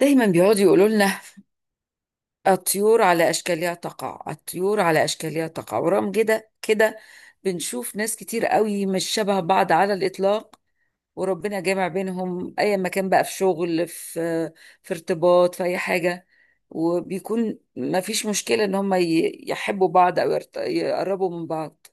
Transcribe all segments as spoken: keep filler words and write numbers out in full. دايما بيقعدوا يقولوا لنا الطيور على اشكالها تقع الطيور على اشكالها تقع، ورغم كده كده بنشوف ناس كتير قوي مش شبه بعض على الاطلاق، وربنا جامع بينهم اي مكان، بقى في شغل، في في ارتباط، في اي حاجه، وبيكون ما فيش مشكله ان هم ي- يحبوا بعض او يرت- يقربوا من بعض.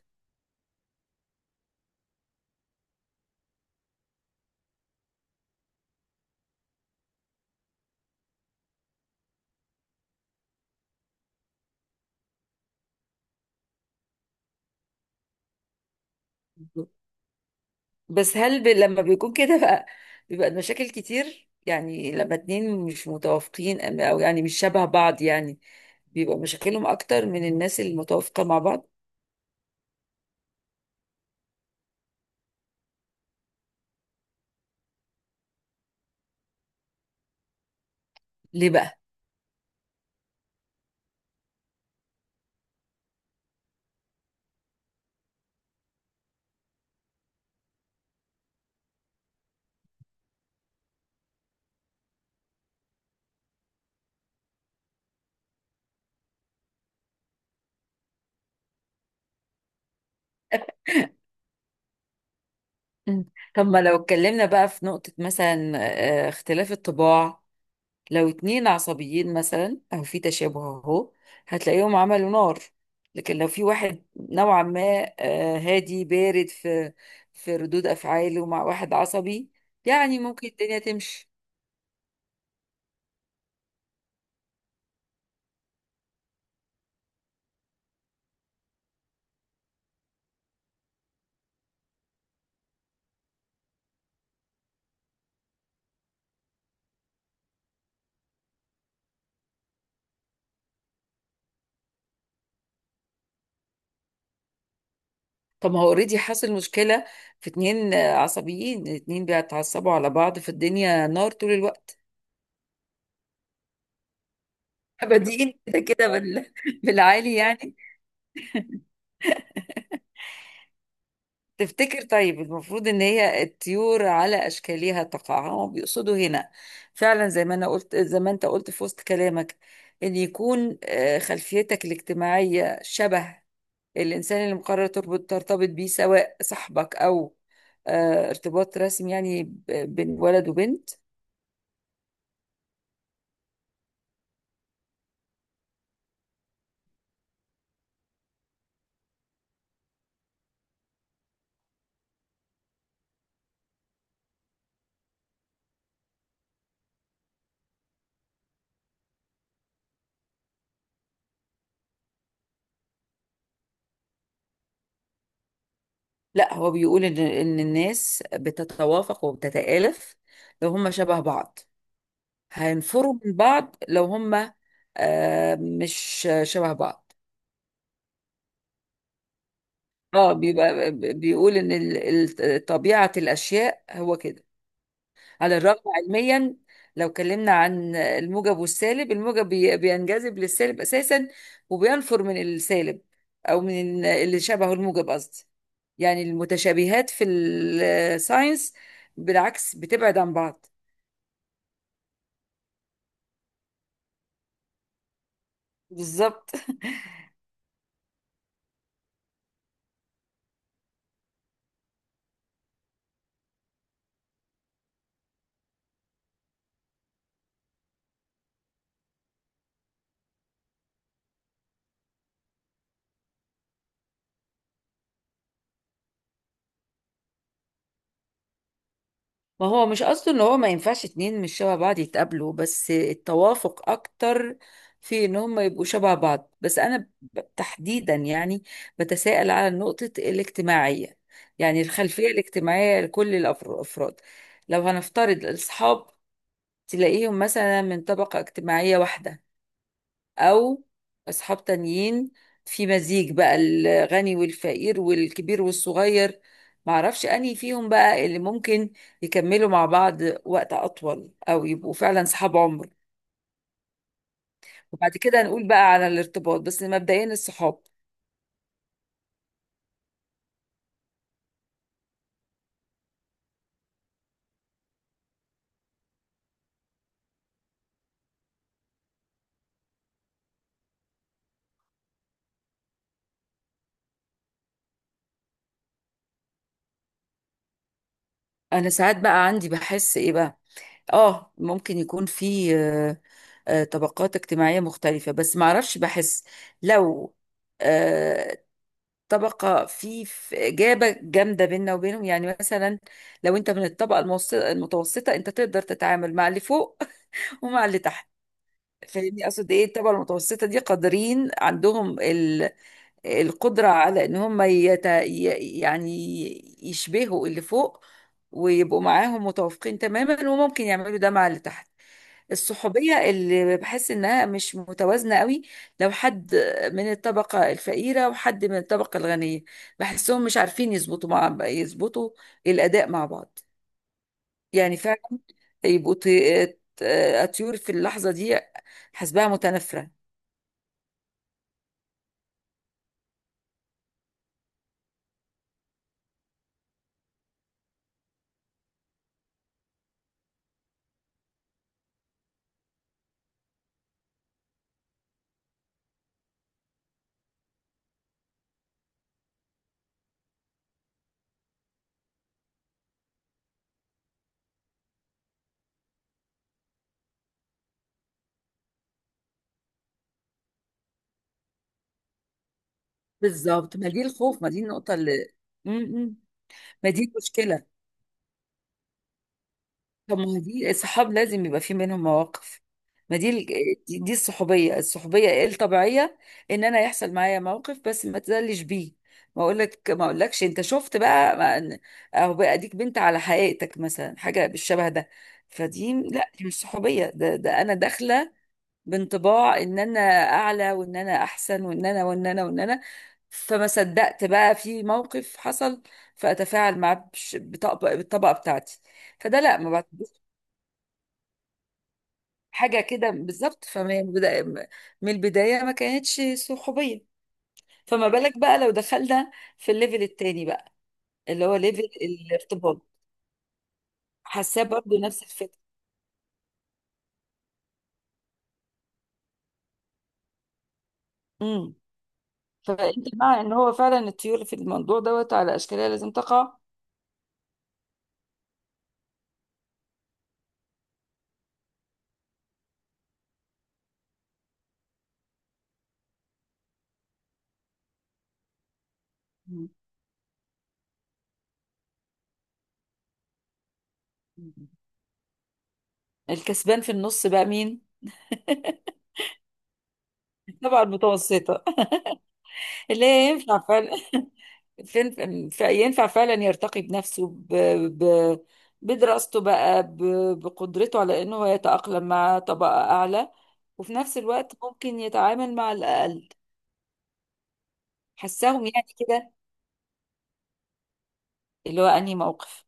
بس هل ب... لما بيكون كده بقى بيبقى المشاكل كتير، يعني لما اتنين مش متوافقين أم- او يعني مش شبه بعض يعني بيبقى مشاكلهم اكتر من الناس المتوافقة مع بعض. ليه بقى؟ مم. طب ما لو اتكلمنا بقى في نقطة مثلا، آه، اختلاف الطباع. لو اتنين عصبيين مثلا او في تشابه اهو هتلاقيهم عملوا نار، لكن لو في واحد نوعا ما آه، هادي بارد في في ردود افعاله مع واحد عصبي يعني ممكن الدنيا تمشي. طب ما هو اوريدي حصل مشكلة في اتنين آه، عصبيين، اتنين بيتعصبوا على بعض، في الدنيا نار طول الوقت. بادئين كده كده بال... بالعالي يعني. تفتكر طيب المفروض ان هي الطيور على اشكالها تقع هم بيقصدوا هنا فعلا زي ما انا قلت زي ما انت قلت في وسط كلامك، ان يكون آه، خلفيتك الاجتماعية شبه الانسان اللي مقرر تربط ترتبط بيه، سواء صاحبك او آه، ارتباط رسمي يعني ب- بين ولد وبنت. لا، هو بيقول ان ان الناس بتتوافق وبتتآلف لو هم شبه بعض، هينفروا من بعض لو هم آه، مش شبه بعض. اه بيبقى بيقول ان ال- ال- طبيعة الاشياء هو كده، على الرغم علميا لو اتكلمنا عن الموجب والسالب، الموجب بي- بينجذب للسالب اساسا وبينفر من السالب، او من اللي شبهه الموجب قصدي. يعني المتشابهات في الساينس بالعكس بتبعد عن بعض. بالظبط. ما هو مش قصده ان هو ما ينفعش اتنين مش شبه بعض يتقابلوا، بس التوافق اكتر في ان هم يبقوا شبه بعض. بس انا ب- تحديدا يعني بتساءل على نقطة الاجتماعية، يعني الخلفية الاجتماعية لكل الأفر- الافراد. لو هنفترض الاصحاب تلاقيهم مثلا من طبقة اجتماعية واحدة، او اصحاب تانيين في مزيج بقى الغني والفقير والكبير والصغير، معرفش انهي فيهم بقى اللي ممكن يكملوا مع بعض وقت اطول او يبقوا فعلا صحاب عمر. وبعد كده هنقول بقى على الارتباط، بس مبدئيا الصحاب. انا ساعات بقى عندي بحس ايه بقى، اه ممكن يكون في آه، آه، طبقات اجتماعية مختلفة بس معرفش بحس لو آه، طبقة في في إجابة جامدة بيننا وبينهم يعني مثلا لو أنت من الطبقة الموس- المتوسطة أنت تقدر تتعامل مع اللي فوق ومع اللي تحت. فاهمني أقصد إيه؟ الطبقة المتوسطة دي قادرين، عندهم القدرة على إن هم يت... ي- يعني يشبهوا اللي فوق ويبقوا معاهم متوافقين تماما، وممكن يعملوا ده مع اللي تحت. الصحوبية اللي بحس إنها مش متوازنة قوي لو حد من الطبقة الفقيرة وحد من الطبقة الغنية، بحسهم مش عارفين يظبطوا مع يظبطوا الأداء مع بعض. يعني فعلا يبقوا ط- ط- طيور في اللحظة دي حسبها متنافرة. بالظبط، ما دي الخوف، ما دي النقطة اللي م- م. ما دي المشكلة. طب ما دي الصحاب لازم يبقى في منهم مواقف، ما دي ال- دي دي الصحوبية، الصحوبية إيه الطبيعية، ان انا يحصل معايا موقف بس ما تزلش بيه، ما اقولك ما اقولكش انت شفت بقى ما- اهو بقى اديك بنت على حقيقتك مثلا حاجة بالشبه ده. فدي لا، دي مش صحوبية، ده, ده انا داخلة بانطباع ان انا اعلى وان انا احسن وان انا وان انا وان انا، فما صدقت بقى في موقف حصل فاتفاعل معاه بش- بطبق- بالطبقه بتاعتي. فده لا، ما بعتبرش حاجه. كده بالظبط، فما بدا- من البدايه ما كانتش صحوبيه. فما بالك بقى لو دخلنا في الليفل التاني بقى اللي هو ليفل الارتباط؟ حاساه برضه نفس الفكره. امم. فانت مع ان هو فعلا الطيور في الموضوع دوت على اشكالها لازم تقع. مم. الكسبان في النص بقى مين؟ طبعا المتوسطة. اللي هي ينفع فعلا فين- ف- ينفع فعلا يرتقي بنفسه ب... ب... بدراسته بقى ب... بقدرته على انه هو يتأقلم مع طبقة اعلى، وفي نفس الوقت ممكن يتعامل مع الاقل. حساهم يعني كده. اللي هو انهي موقف؟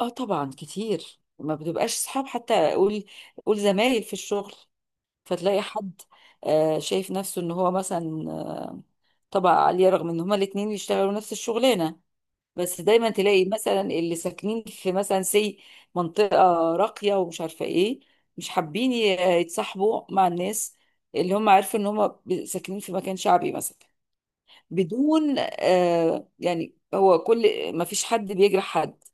اه طبعا كتير، ما بتبقاش صحاب، حتى اقول قول زمايل في الشغل، فتلاقي حد آه، شايف نفسه ان هو مثلا طبقة عالية رغم ان هما الاتنين بيشتغلوا نفس الشغلانة، بس دايما تلاقي مثلا اللي ساكنين في مثلا سي منطقة راقية ومش عارفة ايه، مش حابين ي- يتصاحبوا مع الناس اللي هم عارفين ان هم ب- ساكنين في مكان شعبي مثلا. بدون آه يعني، هو كل ما فيش حد بيجرح حد،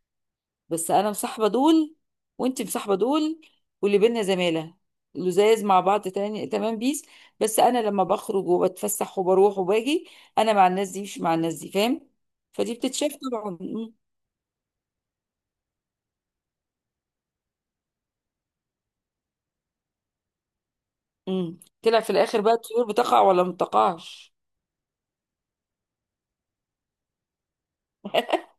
بس انا مصاحبه دول وانت مصاحبه دول، واللي بينا زماله لزاز مع بعض تاني تمام بيس، بس انا لما بخرج وبتفسح وبروح وباجي انا مع الناس دي مش مع الناس دي، فاهم؟ فدي بتتشاف طبعا. مم. مم. طلع في الاخر بقى الطيور بتقع ولا ما بتقعش؟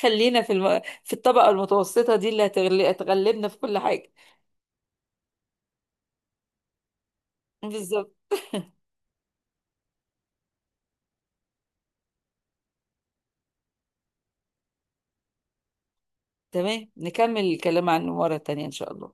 خلينا في الم... في الطبقه المتوسطه دي اللي هتغل... هتغلبنا في كل حاجه. بالظبط. تمام، نكمل الكلام عن مره تانية ان شاء الله.